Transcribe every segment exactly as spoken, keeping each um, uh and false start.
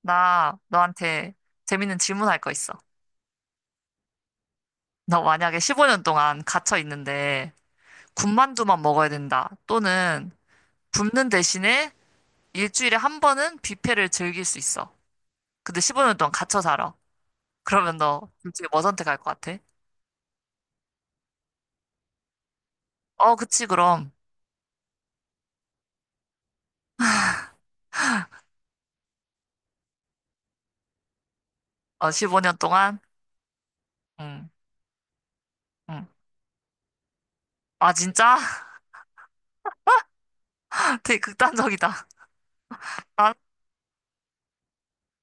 나 너한테 재밌는 질문할 거 있어. 너 만약에 십오 년 동안 갇혀 있는데 군만두만 먹어야 된다. 또는 굶는 대신에 일주일에 한 번은 뷔페를 즐길 수 있어. 근데 십오 년 동안 갇혀 살아. 그러면 너 둘 중에 뭐 선택할 것 같아? 어, 그치, 그럼. 어, 십오 년 동안? 응, 응. 아, 진짜? 되게 극단적이다. 난,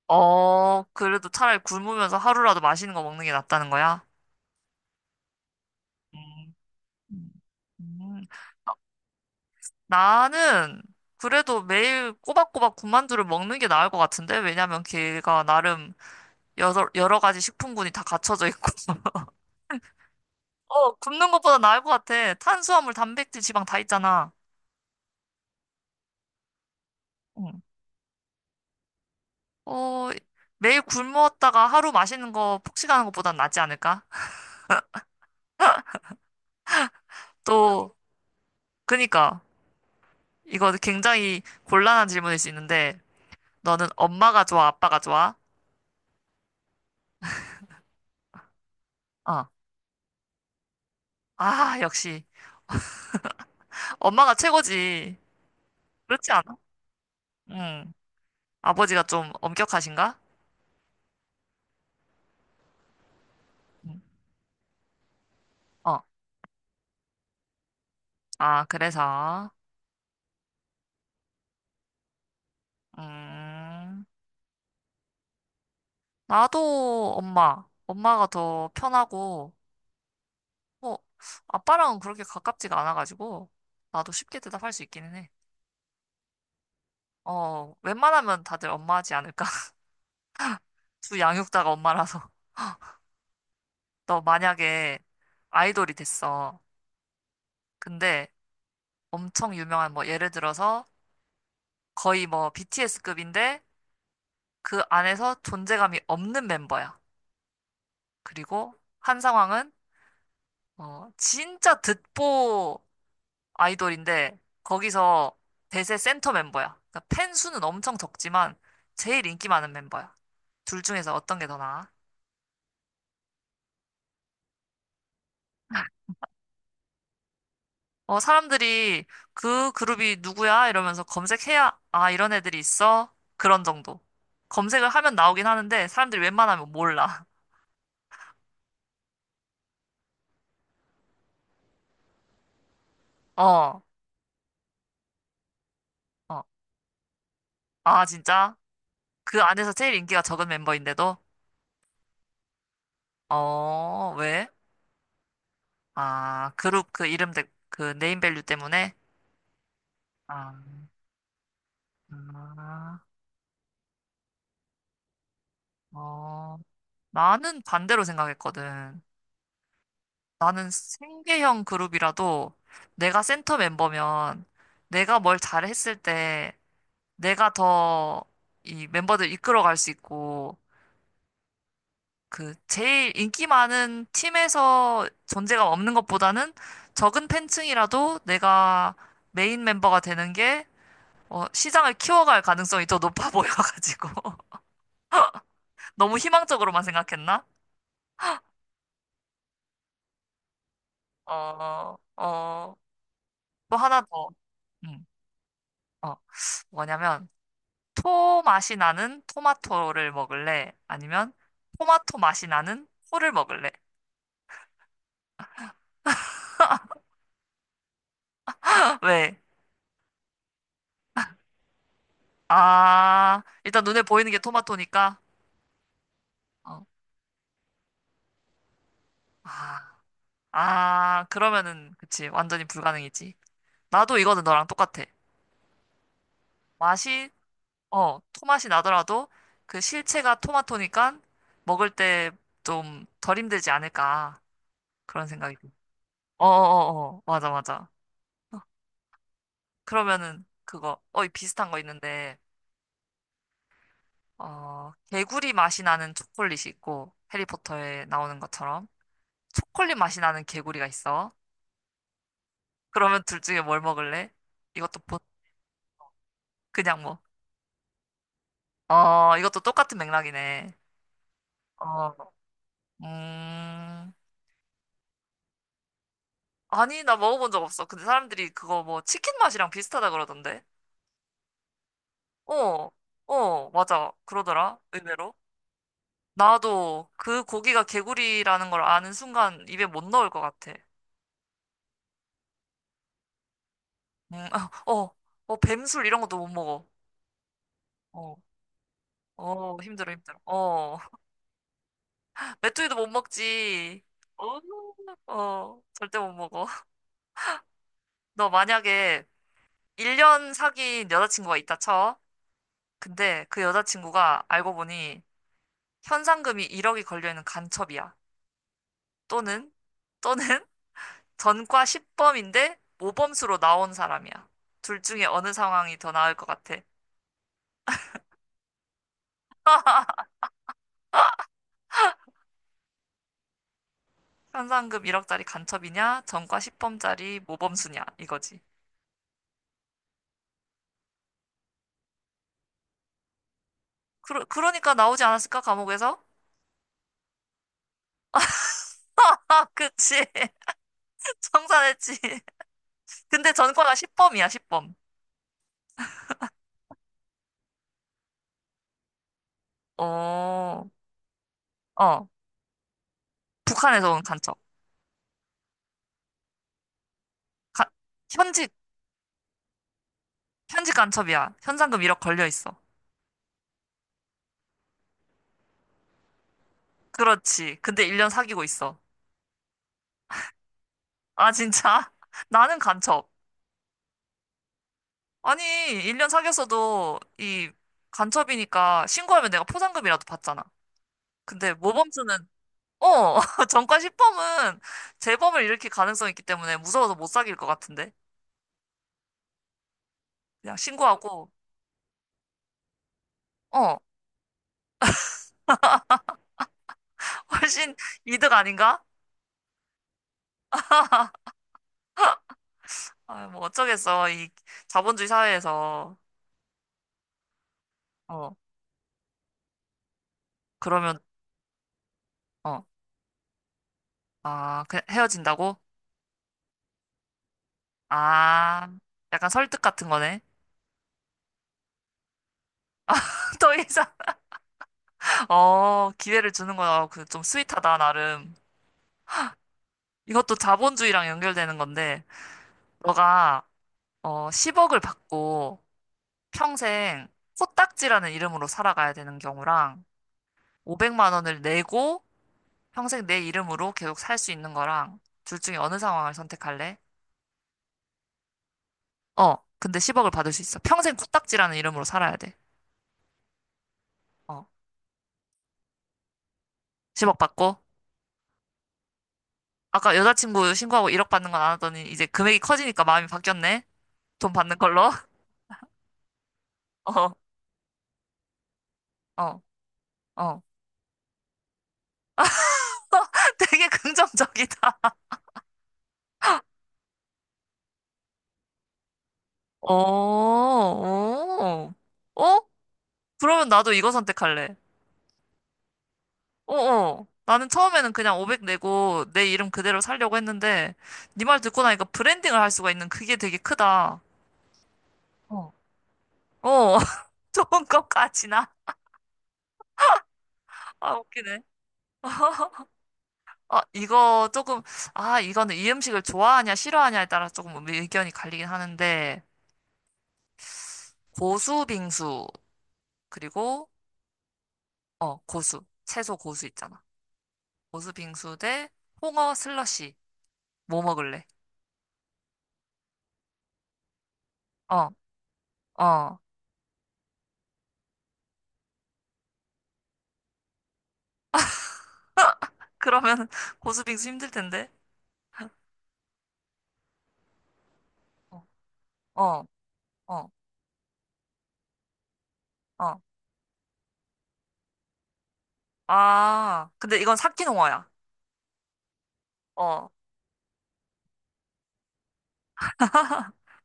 어, 그래도 차라리 굶으면서 하루라도 맛있는 거 먹는 게 낫다는 거야? 음, 음. 음. 나는 그래도 매일 꼬박꼬박 군만두를 먹는 게 나을 것 같은데? 왜냐면 걔가 나름 여러, 여러 가지 식품군이 다 갖춰져 있고. 어, 굶는 것보다 나을 것 같아. 탄수화물, 단백질, 지방 다 있잖아. 응. 어, 매일 굶었다가 하루 마시는 거 폭식하는 것보단 낫지 않을까? 또, 그니까, 이거 굉장히 곤란한 질문일 수 있는데, 너는 엄마가 좋아, 아빠가 좋아? 어. 아, 역시. 엄마가 최고지. 그렇지 않아? 응. 아버지가 좀 엄격하신가? 응. 어, 아, 그래서, 음, 나도 엄마, 엄마가 더 편하고, 뭐, 아빠랑은 그렇게 가깝지가 않아가지고, 나도 쉽게 대답할 수 있기는 해. 어, 웬만하면 다들 엄마 하지 않을까? 두 양육자가 엄마라서. 너 만약에 아이돌이 됐어. 근데 엄청 유명한, 뭐, 예를 들어서 거의 뭐 비티에스급인데, 그 안에서 존재감이 없는 멤버야. 그리고 한 상황은 어, 진짜 듣보 아이돌인데 거기서 대세 센터 멤버야. 그러니까 팬 수는 엄청 적지만 제일 인기 많은 멤버야. 둘 중에서 어떤 게 더 나아? 어, 사람들이 그 그룹이 누구야? 이러면서 검색해야 아, 이런 애들이 있어? 그런 정도. 검색을 하면 나오긴 하는데 사람들이 웬만하면 몰라. 어, 어. 아, 진짜? 그 안에서 제일 인기가 적은 멤버인데도? 어, 왜? 아, 그룹 그 이름, 때- 그 네임밸류 때문에? 아. 음, 아, 어, 나는 반대로 생각했거든. 나는 생계형 그룹이라도 내가 센터 멤버면 내가 뭘 잘했을 때 내가 더 이 멤버들 이끌어갈 수 있고 그 제일 인기 많은 팀에서 존재감 없는 것보다는 적은 팬층이라도 내가 메인 멤버가 되는 게 어, 시장을 키워갈 가능성이 더 높아 보여가지고 너무 희망적으로만 생각했나? 어, 어. 또 하나 더, 음, 어, 뭐냐면, 토 맛이 나는 토마토를 먹을래? 아니면, 토마토 맛이 나는 코를 먹을래? 왜? 아, 일단 눈에 보이는 게 토마토니까, 어, 아, 아, 그러면은, 그치, 완전히 불가능이지. 나도 이거는 너랑 똑같아. 맛이, 어, 토맛이 나더라도, 그 실체가 토마토니까, 먹을 때 좀 덜 힘들지 않을까. 그런 생각이 들 어어어어, 맞아, 맞아. 그러면은 그거 어 비슷한 거 있는데 어 개구리 맛이 나는 초콜릿이 있고 해리포터에 나오는 것처럼 초콜릿 맛이 나는 개구리가 있어. 그러면 둘 중에 뭘 먹을래? 이것도 보, 그냥 뭐. 어 이것도 똑같은 맥락이네. 어 음. 아니 나 먹어본 적 없어. 근데 사람들이 그거 뭐 치킨 맛이랑 비슷하다 그러던데. 어. 어 맞아 그러더라 의외로. 나도 그 고기가 개구리라는 걸 아는 순간 입에 못 넣을 것 같아. 음, 아, 어, 어, 뱀술 이런 것도 못 먹어. 어, 어, 힘들어, 힘들어. 어, 메뚜기도 못 먹지. 어, 어, 절대 못 먹어. 너 만약에 일 년 사귄 여자친구가 있다 쳐. 근데 그 여자친구가 알고 보니 현상금이 일억이 걸려있는 간첩이야. 또는, 또는 전과 십 범인데 모범수로 나온 사람이야. 둘 중에 어느 상황이 더 나을 것 같아? 현상금 일억짜리 간첩이냐? 전과 십 범짜리 모범수냐? 이거지. 그러, 그러니까 나오지 않았을까, 감옥에서? 아, 그치. 청산했지. 근데 전과가 십 범이야, 십 범. 어, 어. 북한에서 온 간첩. 가, 현직, 현직 간첩이야. 현상금 일억 걸려 있어. 그렇지. 근데 일 년 사귀고 있어. 아, 진짜? 나는 간첩. 아니, 일 년 사귀었어도 이 간첩이니까 신고하면 내가 포상금이라도 받잖아. 근데 모범수는, 어, 전과 십 범은 재범을 일으킬 가능성이 있기 때문에 무서워서 못 사귈 것 같은데. 그냥 신고하고, 어, 훨씬 이득 아닌가? 아, 뭐 어쩌겠어. 이 자본주의 사회에서. 어, 그러면, 어, 아, 그 헤어진다고? 아, 약간 설득 같은 거네. 더 이상, 어, 기회를 주는 거야. 그 좀 스윗하다, 나름. 이것도 자본주의랑 연결되는 건데, 너가, 어, 십억을 받고 평생 코딱지라는 이름으로 살아가야 되는 경우랑, 오백만 원을 내고 평생 내 이름으로 계속 살 수 있는 거랑 둘 중에 어느 상황을 선택할래? 어, 근데 십억을 받을 수 있어. 평생 코딱지라는 이름으로 살아야 돼. 어, 십억 받고. 아까 여자친구 신고하고 일억 받는 건 안 하더니 이제 금액이 커지니까 마음이 바뀌었네. 돈 받는 걸로. 어, 어, 어. 되게 긍정적이다. 오, 오. 어? 그러면 나도 이거 선택할래. 어어. 나는 처음에는 그냥 오백 내고 내 이름 그대로 살려고 했는데 네 말 듣고 나니까 브랜딩을 할 수가 있는 그게 되게 크다. 어. 어, 좋은 것까지나. 아, 웃기네. 아, 이거 조금, 아, 이거는 이 음식을 좋아하냐, 싫어하냐에 따라 조금 뭐 의견이 갈리긴 하는데, 고수 빙수, 그리고, 어, 고수. 채소 고수 있잖아. 고수 빙수 대 홍어 슬러시. 뭐 먹을래? 어, 어. 그러면 고수 빙수 힘들 텐데. 어. 어, 어, 어. 아, 근데 이건 사키노화야. 어,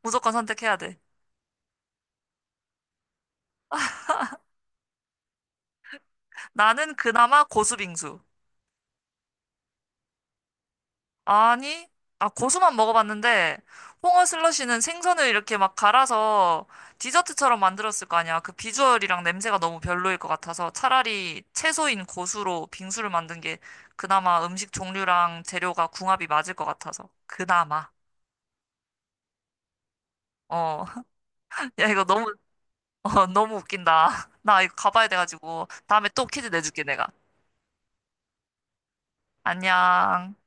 무조건 선택해야 돼. 나는 그나마 고수빙수. 아니, 아, 고수만 먹어봤는데, 홍어 슬러시는 생선을 이렇게 막 갈아서 디저트처럼 만들었을 거 아니야. 그 비주얼이랑 냄새가 너무 별로일 것 같아서 차라리 채소인 고수로 빙수를 만든 게 그나마 음식 종류랑 재료가 궁합이 맞을 것 같아서. 그나마. 어, 야, 이거 너무, 어, 너무 웃긴다. 나 이거 가봐야 돼가지고, 다음에 또 퀴즈 내줄게, 내가. 안녕.